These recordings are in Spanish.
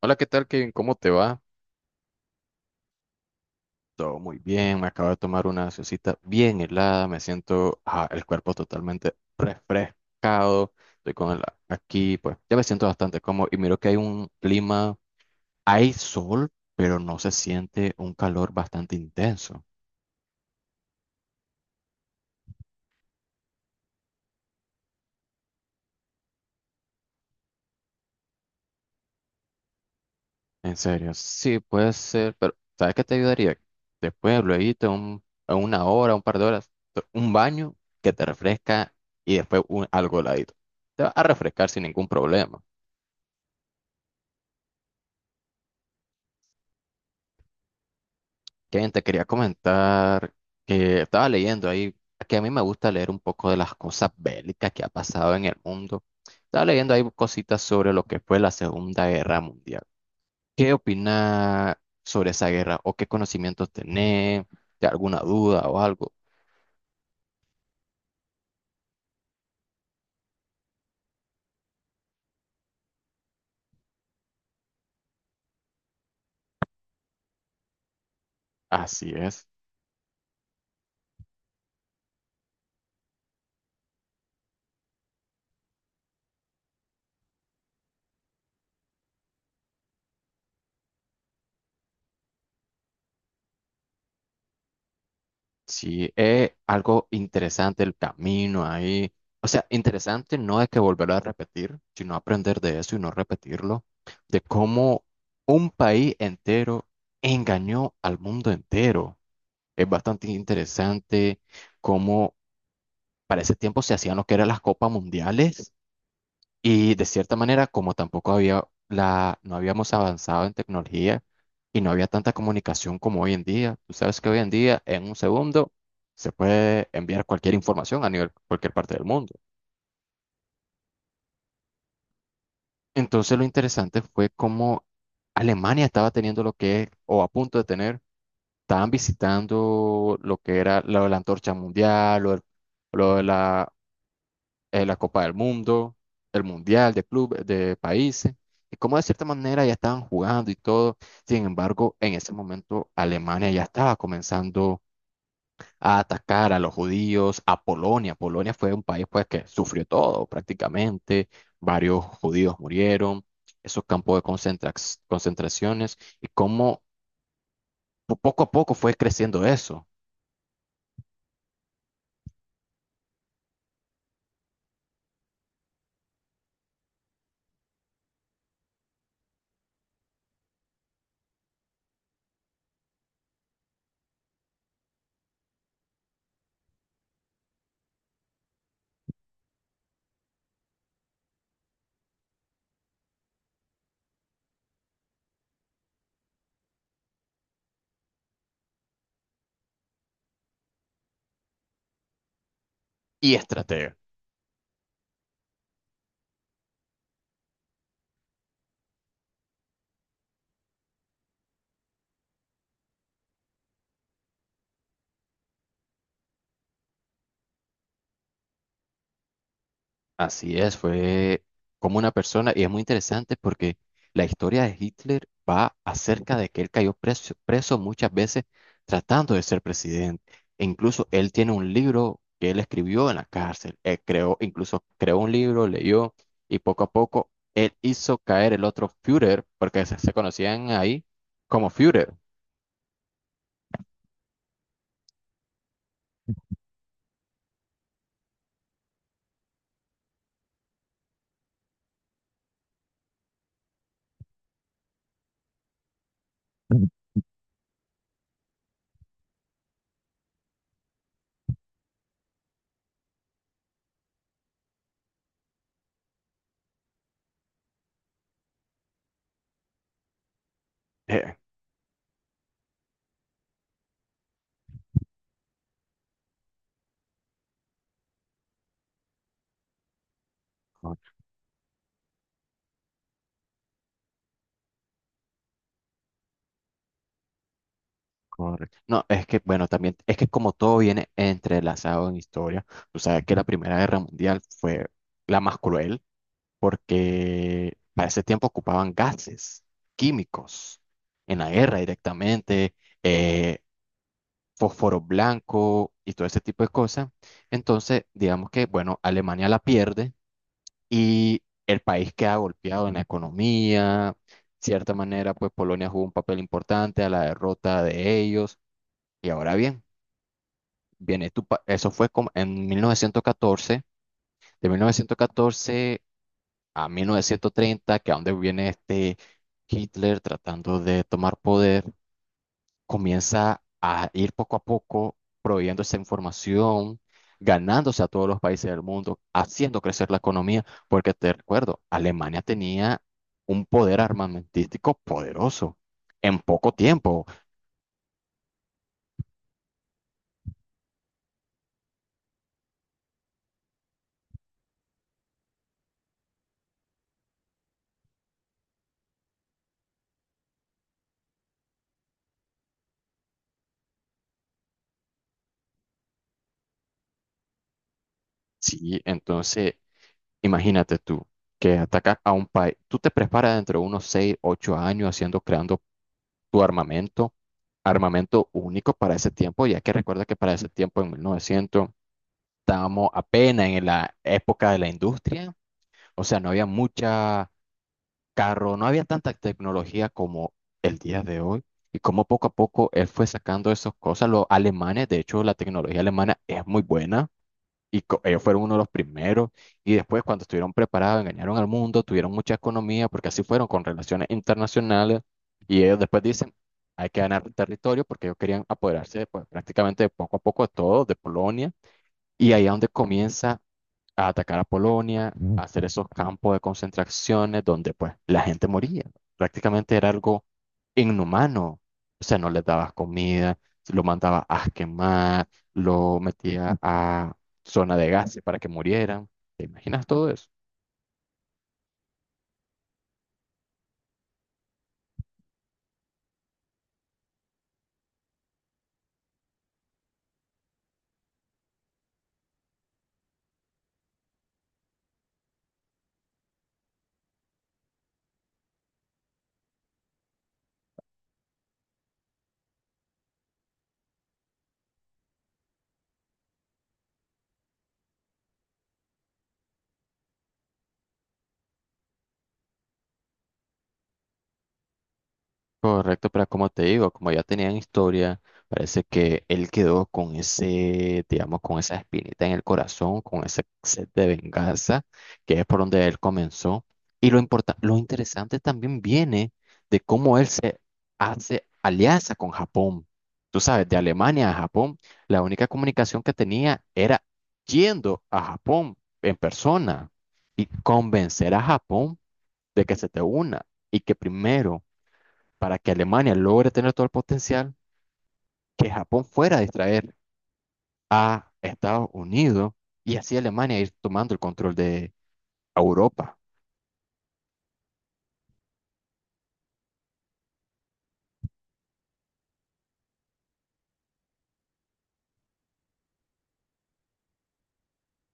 Hola, ¿qué tal, Kevin? ¿Cómo te va? Todo muy bien, me acabo de tomar una cita bien helada, me siento el cuerpo totalmente refrescado, estoy con el, aquí, pues ya me siento bastante cómodo y miro que hay un clima, hay sol, pero no se siente un calor bastante intenso. En serio, sí, puede ser, pero ¿sabes qué te ayudaría? Después, luego, a una hora, un par de horas, un baño que te refresca y después algo heladito. Te va a refrescar sin ningún problema. Kevin, te quería comentar que estaba leyendo ahí, que a mí me gusta leer un poco de las cosas bélicas que ha pasado en el mundo. Estaba leyendo ahí cositas sobre lo que fue la Segunda Guerra Mundial. ¿Qué opina sobre esa guerra o qué conocimientos tenés? ¿De alguna duda o algo? Así es. Sí, es algo interesante el camino ahí. O sea, interesante no es que volverlo a repetir, sino aprender de eso y no repetirlo, de cómo un país entero engañó al mundo entero. Es bastante interesante cómo para ese tiempo se hacían lo que eran las copas mundiales y de cierta manera, como tampoco había no habíamos avanzado en tecnología y no había tanta comunicación como hoy en día. Tú sabes que hoy en día, en un segundo, se puede enviar cualquier información a nivel cualquier parte del mundo. Entonces, lo interesante fue cómo Alemania estaba teniendo lo que es, o a punto de tener, estaban visitando lo que era lo de la antorcha mundial, lo, del- lo de la la Copa del Mundo, el Mundial de clubes, de países, y como de cierta manera ya estaban jugando y todo. Sin embargo, en ese momento Alemania ya estaba comenzando a atacar a los judíos, a Polonia. Polonia fue un país pues que sufrió todo prácticamente, varios judíos murieron, esos campos de concentraciones, y cómo poco a poco fue creciendo eso. Y estrategas. Así es, fue como una persona, y es muy interesante porque la historia de Hitler va acerca de que él cayó preso, preso muchas veces tratando de ser presidente. E incluso él tiene un libro que él escribió en la cárcel. Él creó, incluso creó un libro, leyó, y poco a poco él hizo caer el otro Führer, porque se conocían ahí como Führer. Eh, Correcto. No, es que, bueno, también, es que como todo viene entrelazado en historia, tú sabes que la Primera Guerra Mundial fue la más cruel porque para ese tiempo ocupaban gases químicos en la guerra directamente, eh, fósforo blanco y todo ese tipo de cosas. Entonces, digamos que, bueno, Alemania la pierde y el país queda golpeado en la economía. Cierta manera, pues Polonia jugó un papel importante a la derrota de ellos. Y ahora bien. Bien, eso fue como en 1914, de 1914 a 1930, que a donde viene este Hitler tratando de tomar poder, comienza a ir poco a poco prohibiendo esa información, ganándose a todos los países del mundo, haciendo crecer la economía, porque te recuerdo, Alemania tenía un poder armamentístico poderoso en poco tiempo. Sí, entonces, imagínate tú que atacas a un país, tú te preparas dentro de unos 6 8 años haciendo, creando tu armamento, armamento único para ese tiempo, ya que recuerda que para ese tiempo, en 1900 estábamos apenas en la época de la industria, o sea, no había mucha carro, no había tanta tecnología como el día de hoy, y como poco a poco él fue sacando esas cosas, los alemanes, de hecho, la tecnología alemana es muy buena, y ellos fueron uno de los primeros. Y después, cuando estuvieron preparados, engañaron al mundo, tuvieron mucha economía, porque así fueron con relaciones internacionales. Y ellos después dicen, hay que ganar territorio, porque ellos querían apoderarse pues, prácticamente de poco a poco de todo, de Polonia. Y ahí es donde comienza a atacar a Polonia, a hacer esos campos de concentraciones donde pues la gente moría. Prácticamente era algo inhumano. O sea, no les dabas comida, lo mandabas a quemar, lo metías a zona de gases para que murieran. ¿Te imaginas todo eso? Correcto, pero como te digo, como ya tenían historia, parece que él quedó con ese, digamos, con esa espinita en el corazón, con ese sed de venganza, que es por donde él comenzó. Y lo interesante también viene de cómo él se hace alianza con Japón. Tú sabes, de Alemania a Japón, la única comunicación que tenía era yendo a Japón en persona y convencer a Japón de que se te una y que primero para que Alemania logre tener todo el potencial, que Japón fuera a distraer a Estados Unidos y así Alemania ir tomando el control de Europa.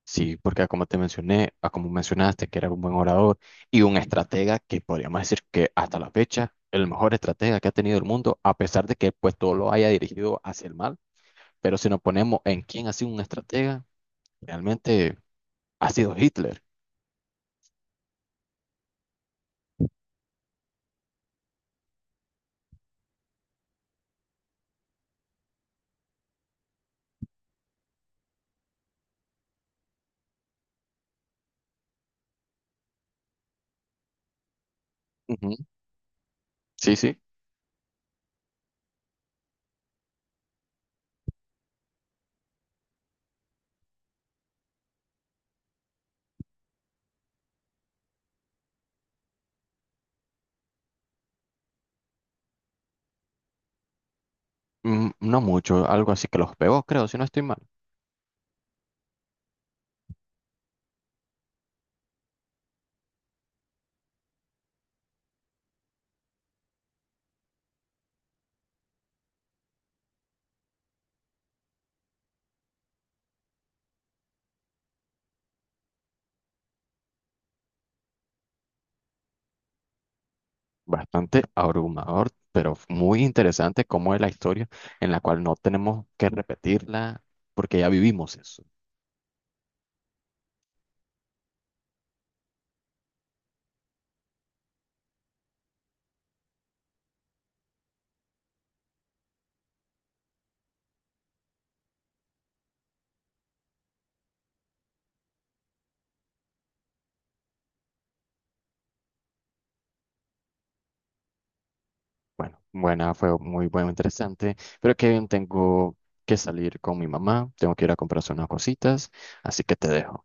Sí, porque como te mencioné, a como mencionaste, que era un buen orador y un estratega que podríamos decir que hasta la fecha, el mejor estratega que ha tenido el mundo, a pesar de que pues todo lo haya dirigido hacia el mal. Pero si nos ponemos en quién ha sido un estratega, realmente ha sido Hitler. Ujú, sí, sí. Mm, no mucho, algo así que los pegó, creo, si no estoy mal. Bastante abrumador, pero muy interesante cómo es la historia en la cual no tenemos que repetirla porque ya vivimos eso. Bueno, buena, fue muy bueno, interesante, pero Kevin, tengo que salir con mi mamá, tengo que ir a comprarse unas cositas, así que te dejo.